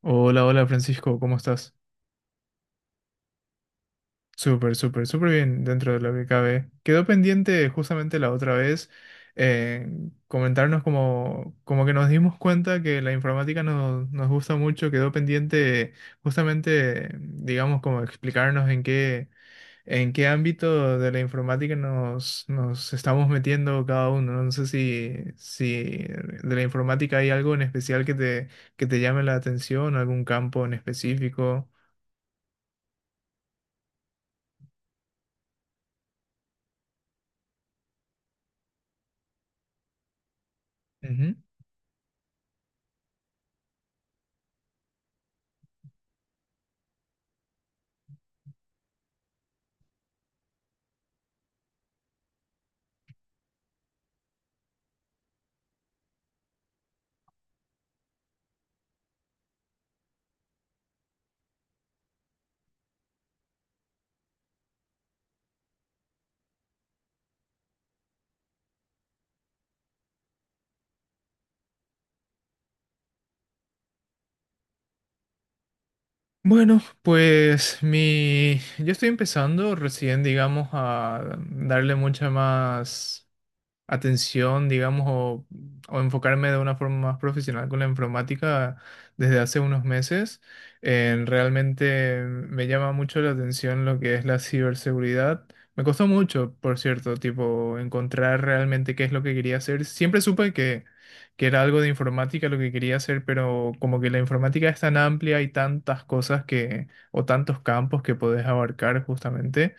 Hola, hola Francisco, ¿cómo estás? Súper, súper, súper bien dentro de lo que cabe. Quedó pendiente justamente la otra vez, eh, comentarnos como, que nos dimos cuenta que la informática nos gusta mucho, quedó pendiente justamente, digamos, como explicarnos en qué, ámbito de la informática nos estamos metiendo cada uno. No sé si de la informática hay algo en especial que te llame la atención, algún campo en específico. Bueno, pues yo estoy empezando recién, digamos, a darle mucha más atención, digamos, o enfocarme de una forma más profesional con la informática desde hace unos meses. Realmente me llama mucho la atención lo que es la ciberseguridad. Me costó mucho, por cierto, tipo, encontrar realmente qué es lo que quería hacer. Siempre supe que era algo de informática lo que quería hacer, pero como que la informática es tan amplia y tantas cosas que, o tantos campos que podés abarcar justamente,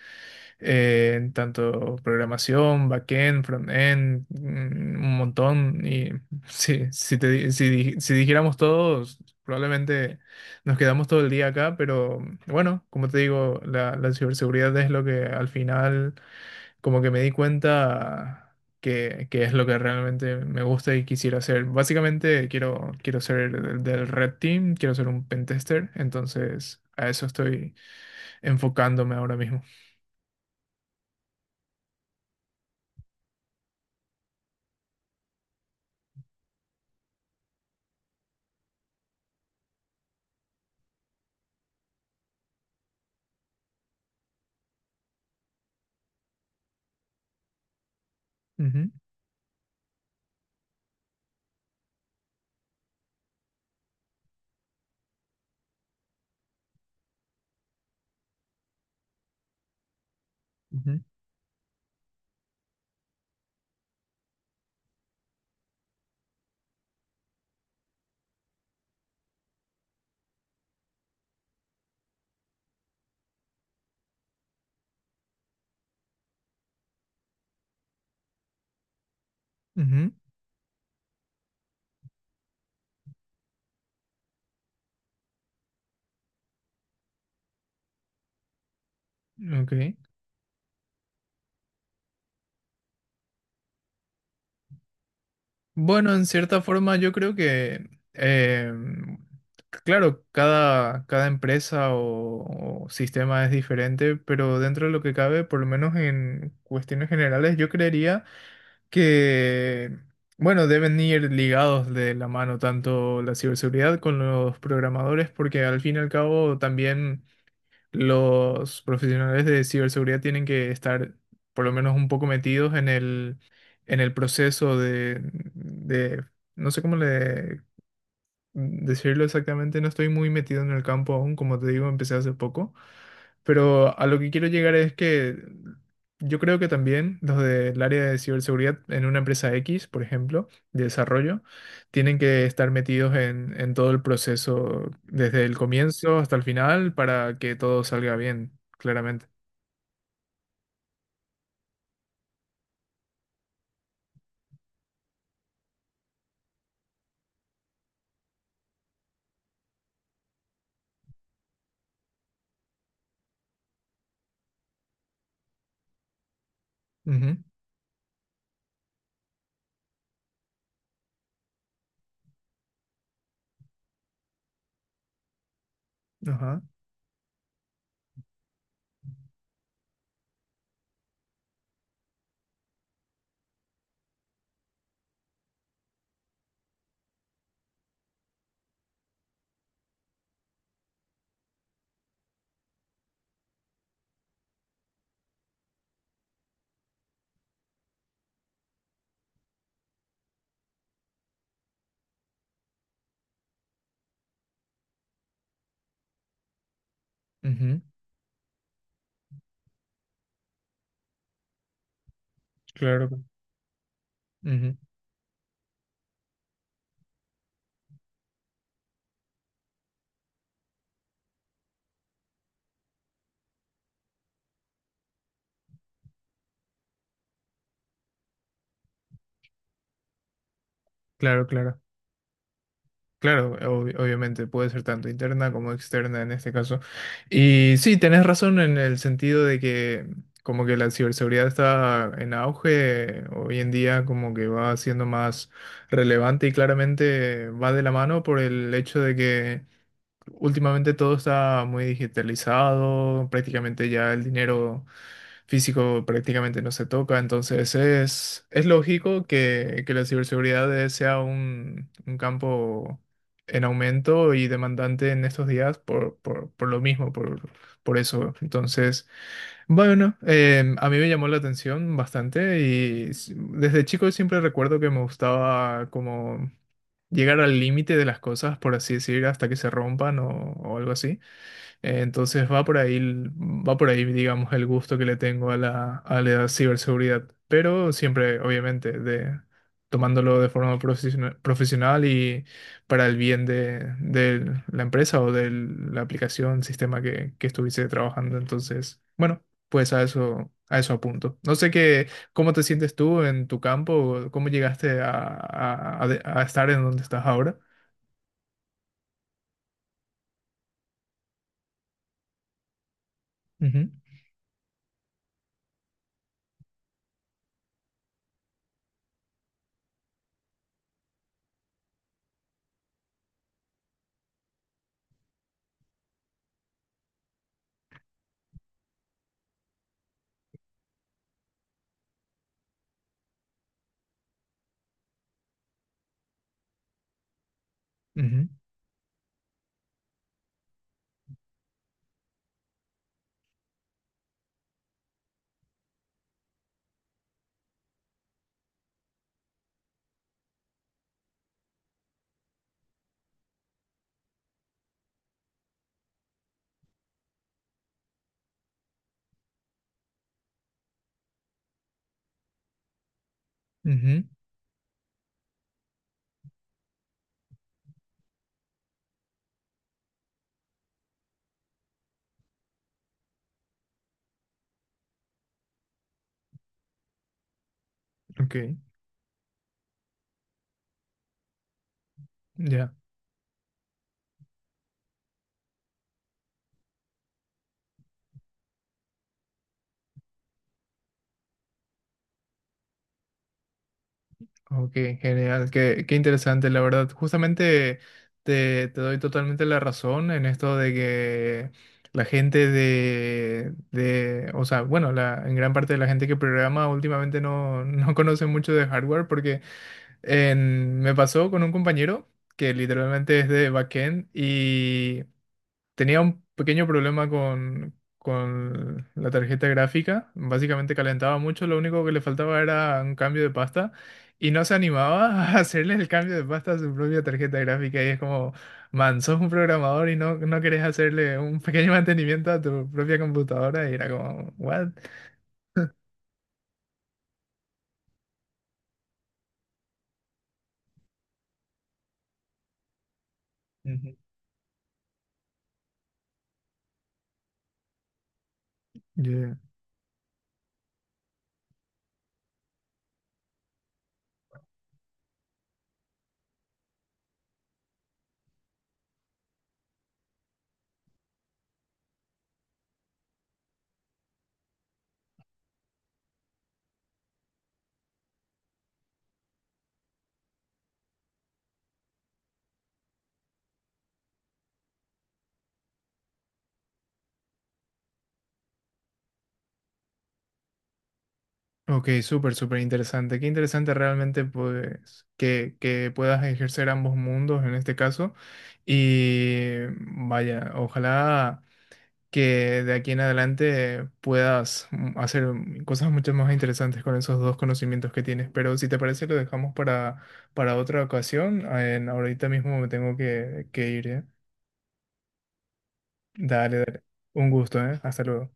en tanto programación, backend, frontend, un montón. Y sí, si, te di- si dijéramos todos, probablemente nos quedamos todo el día acá, pero bueno, como te digo, la ciberseguridad es lo que al final como que me di cuenta... Que es lo que realmente me gusta y quisiera hacer. Básicamente quiero ser del Red Team, quiero ser un pentester, entonces a eso estoy enfocándome ahora mismo. Ujú, ujú. Ujú, ok. Bueno, en cierta forma yo creo que, claro, cada empresa o sistema es diferente, pero dentro de lo que cabe, por lo menos en cuestiones generales, yo creería que, bueno, deben ir ligados de la mano tanto la ciberseguridad con los programadores, porque al fin y al cabo también... los profesionales de ciberseguridad tienen que estar por lo menos un poco metidos en el proceso de- no sé cómo le decirlo exactamente, no estoy muy metido en el campo aún, como te digo, empecé hace poco, pero a lo que quiero llegar es que yo creo que también los del área de ciberseguridad en una empresa X, por ejemplo, de desarrollo, tienen que estar metidos en todo el proceso desde el comienzo hasta el final para que todo salga bien, claramente. Ujú, ajá. Ujú, claro. Ujú, claro, claro. Claro, obviamente puede ser tanto interna como externa en este caso. Y sí, tenés razón en el sentido de que como que la ciberseguridad está en auge, hoy en día como que va siendo más relevante y claramente va de la mano por el hecho de que últimamente todo está muy digitalizado, prácticamente ya el dinero físico prácticamente no se toca, entonces es lógico que la ciberseguridad sea un campo en aumento y demandante en estos días por, por lo mismo, por eso. Entonces, bueno, a mí me llamó la atención bastante y desde chico siempre recuerdo que me gustaba como llegar al límite de las cosas, por así decir, hasta que se rompan o algo así. Entonces va por ahí, va por ahí, digamos, el gusto que le tengo a la ciberseguridad. Pero siempre, obviamente, tomándolo de forma profesional y para el bien de la empresa o de la aplicación, sistema que estuviese trabajando. Entonces, bueno, pues a eso apunto. No sé cómo te sientes tú en tu campo, cómo llegaste a estar en donde estás ahora. Ujú, ujú, ujú. Ok, ya. Ok, genial, qué interesante, la verdad. Justamente te doy totalmente la razón en esto de que la gente o sea, bueno, en gran parte de la gente que programa últimamente no, no conoce mucho de hardware porque me pasó con un compañero que literalmente es de backend. Tenía un pequeño problema con la tarjeta gráfica. Básicamente calentaba mucho, lo único que le faltaba era un cambio de pasta y no se animaba a hacerle el cambio de pasta a su propia tarjeta gráfica. Y es como, man, sos un programador y no querés hacerle un pequeño mantenimiento a tu propia computadora. Y era como, what? Ujú. Yo- Ok, súper, súper interesante. Qué interesante realmente pues que puedas ejercer ambos mundos en este caso. Y vaya, ojalá que de aquí en adelante puedas hacer cosas mucho más interesantes con esos dos conocimientos que tienes. Pero si te parece, lo dejamos para, otra ocasión. Ahorita mismo me tengo que ir, ¿eh? Dale, dale. Un gusto, ¿eh? Hasta luego.